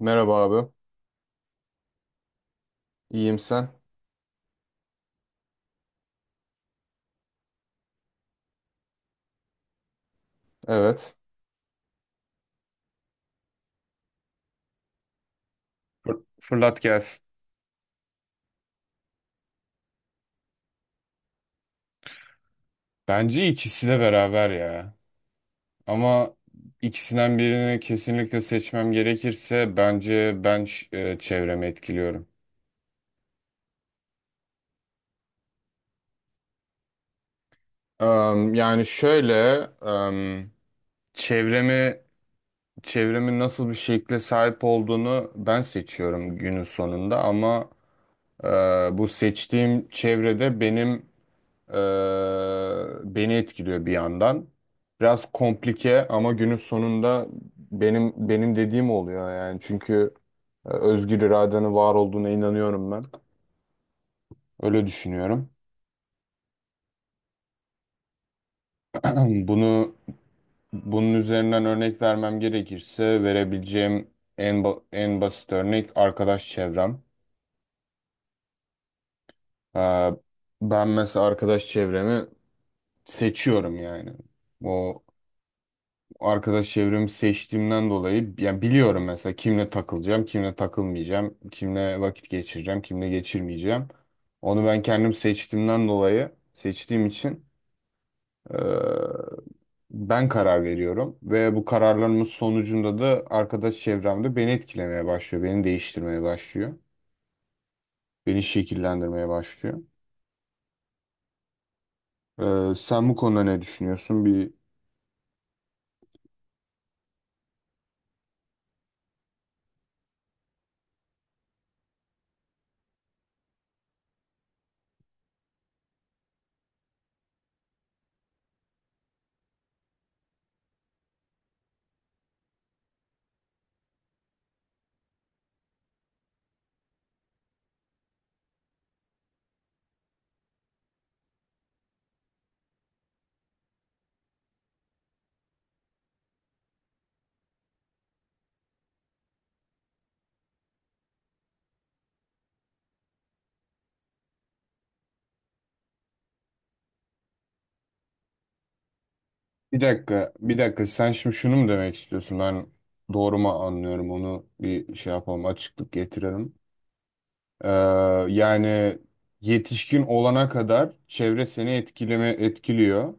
Merhaba abi. İyiyim sen? Evet. Fırlat gelsin. Bence ikisi de beraber ya. Ama ikisinden birini kesinlikle seçmem gerekirse bence ben çevremi etkiliyorum. Yani şöyle, em, çevremi çevremin nasıl bir şekle sahip olduğunu ben seçiyorum günün sonunda, ama e, bu seçtiğim çevrede benim, Ee, beni etkiliyor bir yandan. Biraz komplike, ama günün sonunda benim dediğim oluyor yani. Çünkü özgür iradenin var olduğuna inanıyorum ben. Öyle düşünüyorum. Bunu bunun üzerinden örnek vermem gerekirse verebileceğim en basit örnek arkadaş çevrem. Ee, ben mesela arkadaş çevremi seçiyorum yani. O arkadaş çevremi seçtiğimden dolayı yani biliyorum mesela kimle takılacağım, kimle takılmayacağım, kimle vakit geçireceğim, kimle geçirmeyeceğim. Onu ben kendim seçtiğimden dolayı seçtiğim için eee, ben karar veriyorum ve bu kararlarımın sonucunda da arkadaş çevremde beni etkilemeye başlıyor, beni değiştirmeye başlıyor, beni şekillendirmeye başlıyor. Sen bu konuda ne düşünüyorsun? Bir dakika, bir dakika. Sen şimdi şunu mu demek istiyorsun? Ben doğru mu anlıyorum? Onu bir şey yapalım, açıklık getirelim. Ee, yani yetişkin olana kadar çevre seni etkiliyor.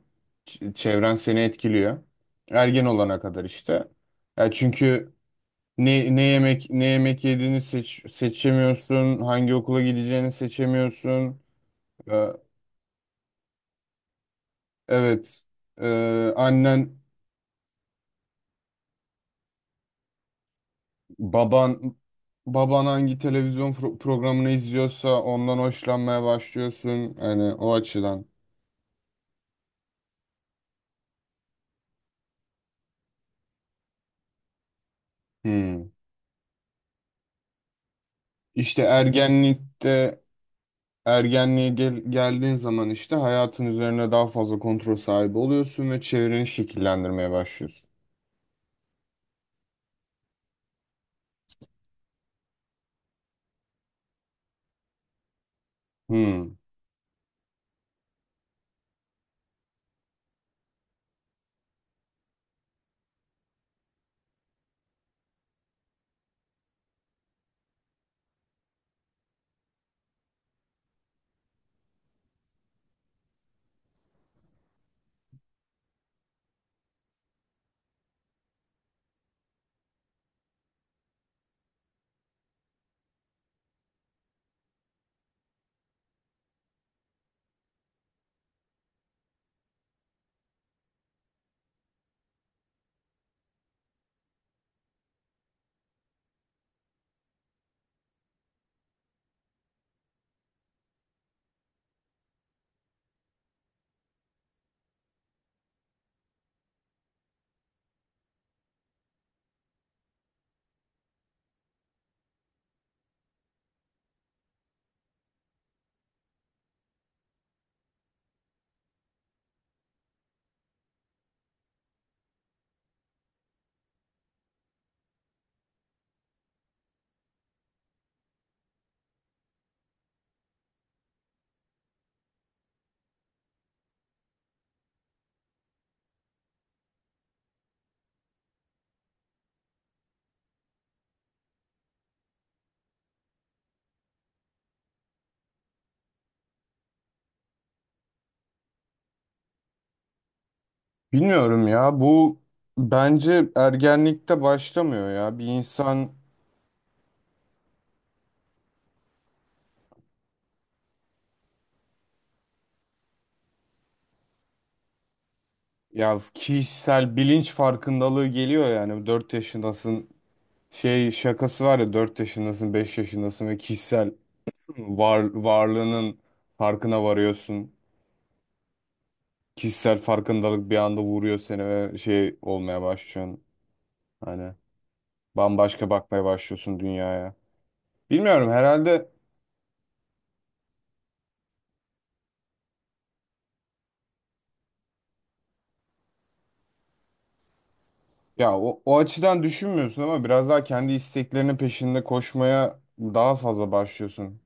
Çevren seni etkiliyor. Ergen olana kadar işte. Ya çünkü ne yemek yediğini seçemiyorsun, hangi okula gideceğini seçemiyorsun. Ee, evet. Annen Baban baban hangi televizyon programını izliyorsa ondan hoşlanmaya başlıyorsun. Yani o açıdan. Hmm. İşte ergenlikte ergenliğe geldiğin zaman işte hayatın üzerine daha fazla kontrol sahibi oluyorsun ve çevreni şekillendirmeye başlıyorsun. Hmm. Bilmiyorum ya, bu bence ergenlikte başlamıyor ya. Bir insan, ya kişisel bilinç farkındalığı geliyor yani, 4 yaşındasın. Şey şakası var ya, 4 yaşındasın, 5 yaşındasın ve kişisel varlığının farkına varıyorsun. Kişisel farkındalık bir anda vuruyor seni ve şey olmaya başlıyorsun. Hani bambaşka bakmaya başlıyorsun dünyaya. Bilmiyorum herhalde, ya o açıdan düşünmüyorsun ama biraz daha kendi isteklerinin peşinde koşmaya daha fazla başlıyorsun.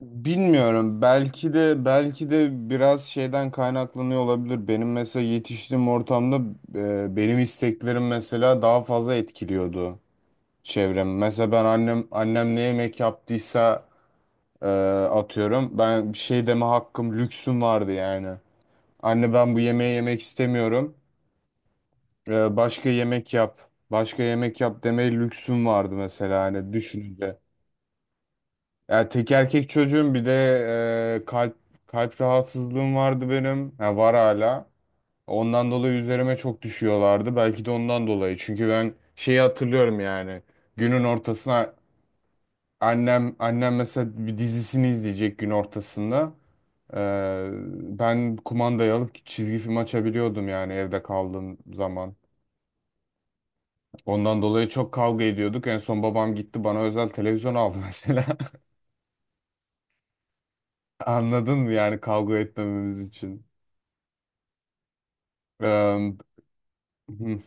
Bilmiyorum. Belki de biraz şeyden kaynaklanıyor olabilir. Benim mesela yetiştiğim ortamda benim isteklerim mesela daha fazla etkiliyordu çevrem. Mesela ben annem ne yemek yaptıysa e, atıyorum. Ben bir şey deme hakkım, lüksüm vardı yani. Anne ben bu yemeği yemek istemiyorum. Başka yemek yap. Başka yemek yap demeye lüksüm vardı mesela hani düşününce. Ya tek erkek çocuğum, bir de e, kalp kalp rahatsızlığım vardı benim. Ha, var hala. Ondan dolayı üzerime çok düşüyorlardı. Belki de ondan dolayı. Çünkü ben şeyi hatırlıyorum yani. Günün ortasına annem mesela bir dizisini izleyecek gün ortasında. Ee, ben kumandayı alıp çizgi film açabiliyordum yani evde kaldığım zaman. Ondan dolayı çok kavga ediyorduk. En son babam gitti, bana özel televizyon aldı mesela. Anladın mı yani kavga etmememiz için? Eee, hı,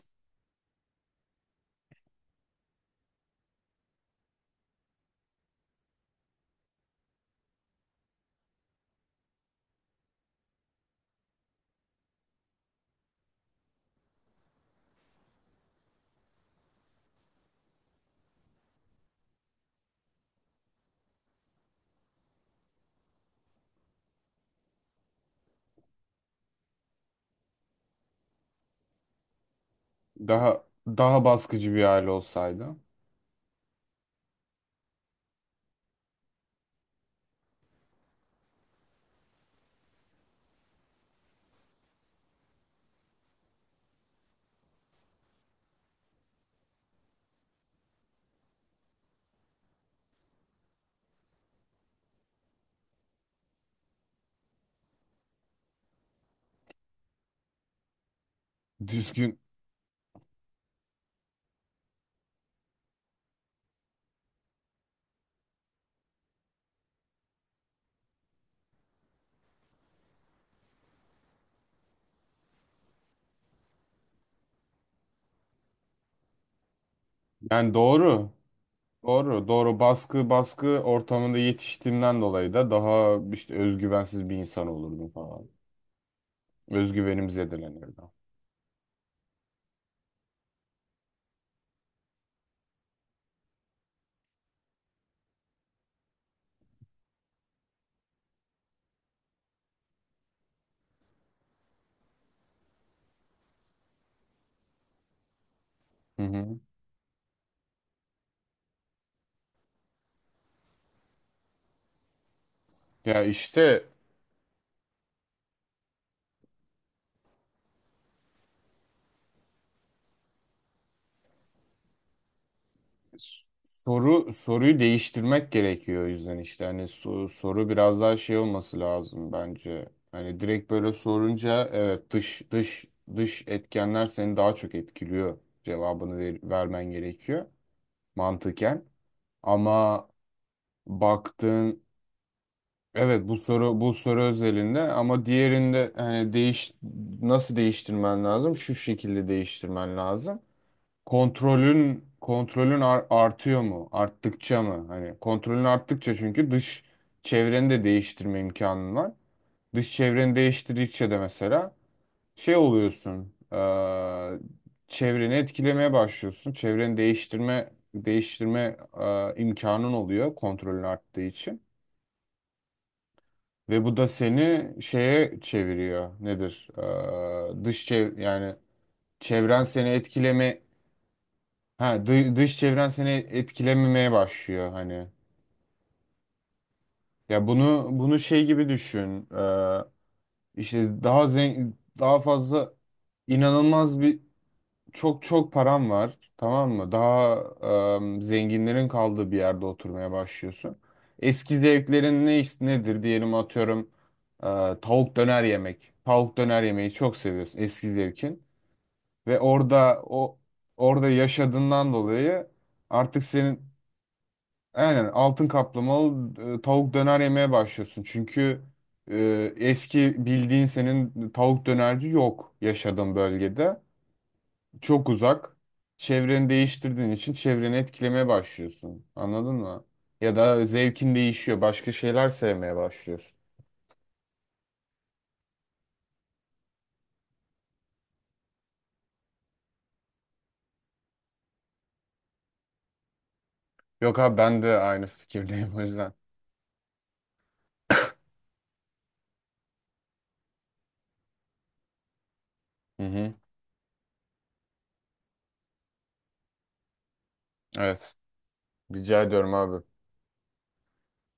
daha baskıcı bir aile olsaydı. Düzgün yani doğru. Doğru, doğru. Baskı, baskı ortamında yetiştiğimden dolayı da daha işte özgüvensiz bir insan olurdum falan. Özgüvenim zedelenirdi. Hı hı. Ya işte soruyu değiştirmek gerekiyor, o yüzden işte hani soru biraz daha şey olması lazım bence. Hani direkt böyle sorunca, evet dış etkenler seni daha çok etkiliyor. Cevabını vermen gerekiyor mantıken. Ama baktığın, evet, bu soru özelinde, ama diğerinde hani nasıl değiştirmen lazım? Şu şekilde değiştirmen lazım: kontrolün artıyor mu? Arttıkça mı? Hani kontrolün arttıkça, çünkü dış çevreni de değiştirme imkanın var. Dış çevreni değiştirdikçe de mesela şey oluyorsun. Çevreni etkilemeye başlıyorsun. Çevreni değiştirme imkanın oluyor, kontrolün arttığı için. Ve bu da seni şeye çeviriyor. Nedir? Dış çev, yani çevren seni etkileme. Ha, dış çevren seni etkilememeye başlıyor hani. Ya bunu şey gibi düşün. İşte daha zengin, daha fazla, inanılmaz bir, çok çok param var, tamam mı? Daha zenginlerin kaldığı bir yerde oturmaya başlıyorsun. Eski zevklerin nedir, diyelim atıyorum e, tavuk döner yemek. Tavuk döner yemeyi çok seviyorsun, eski zevkin. Ve orada yaşadığından dolayı artık senin. Aynen, altın kaplamalı tavuk döner yemeye başlıyorsun. Çünkü eski bildiğin senin tavuk dönerci yok yaşadığın bölgede. Çok uzak. Çevreni değiştirdiğin için çevreni etkilemeye başlıyorsun. Anladın mı? Ya da zevkin değişiyor. Başka şeyler sevmeye başlıyorsun. Yok abi, ben de aynı fikirdeyim o yüzden. Hı hı. Evet. Rica ediyorum abi.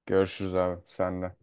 Görüşürüz abi. Sen de.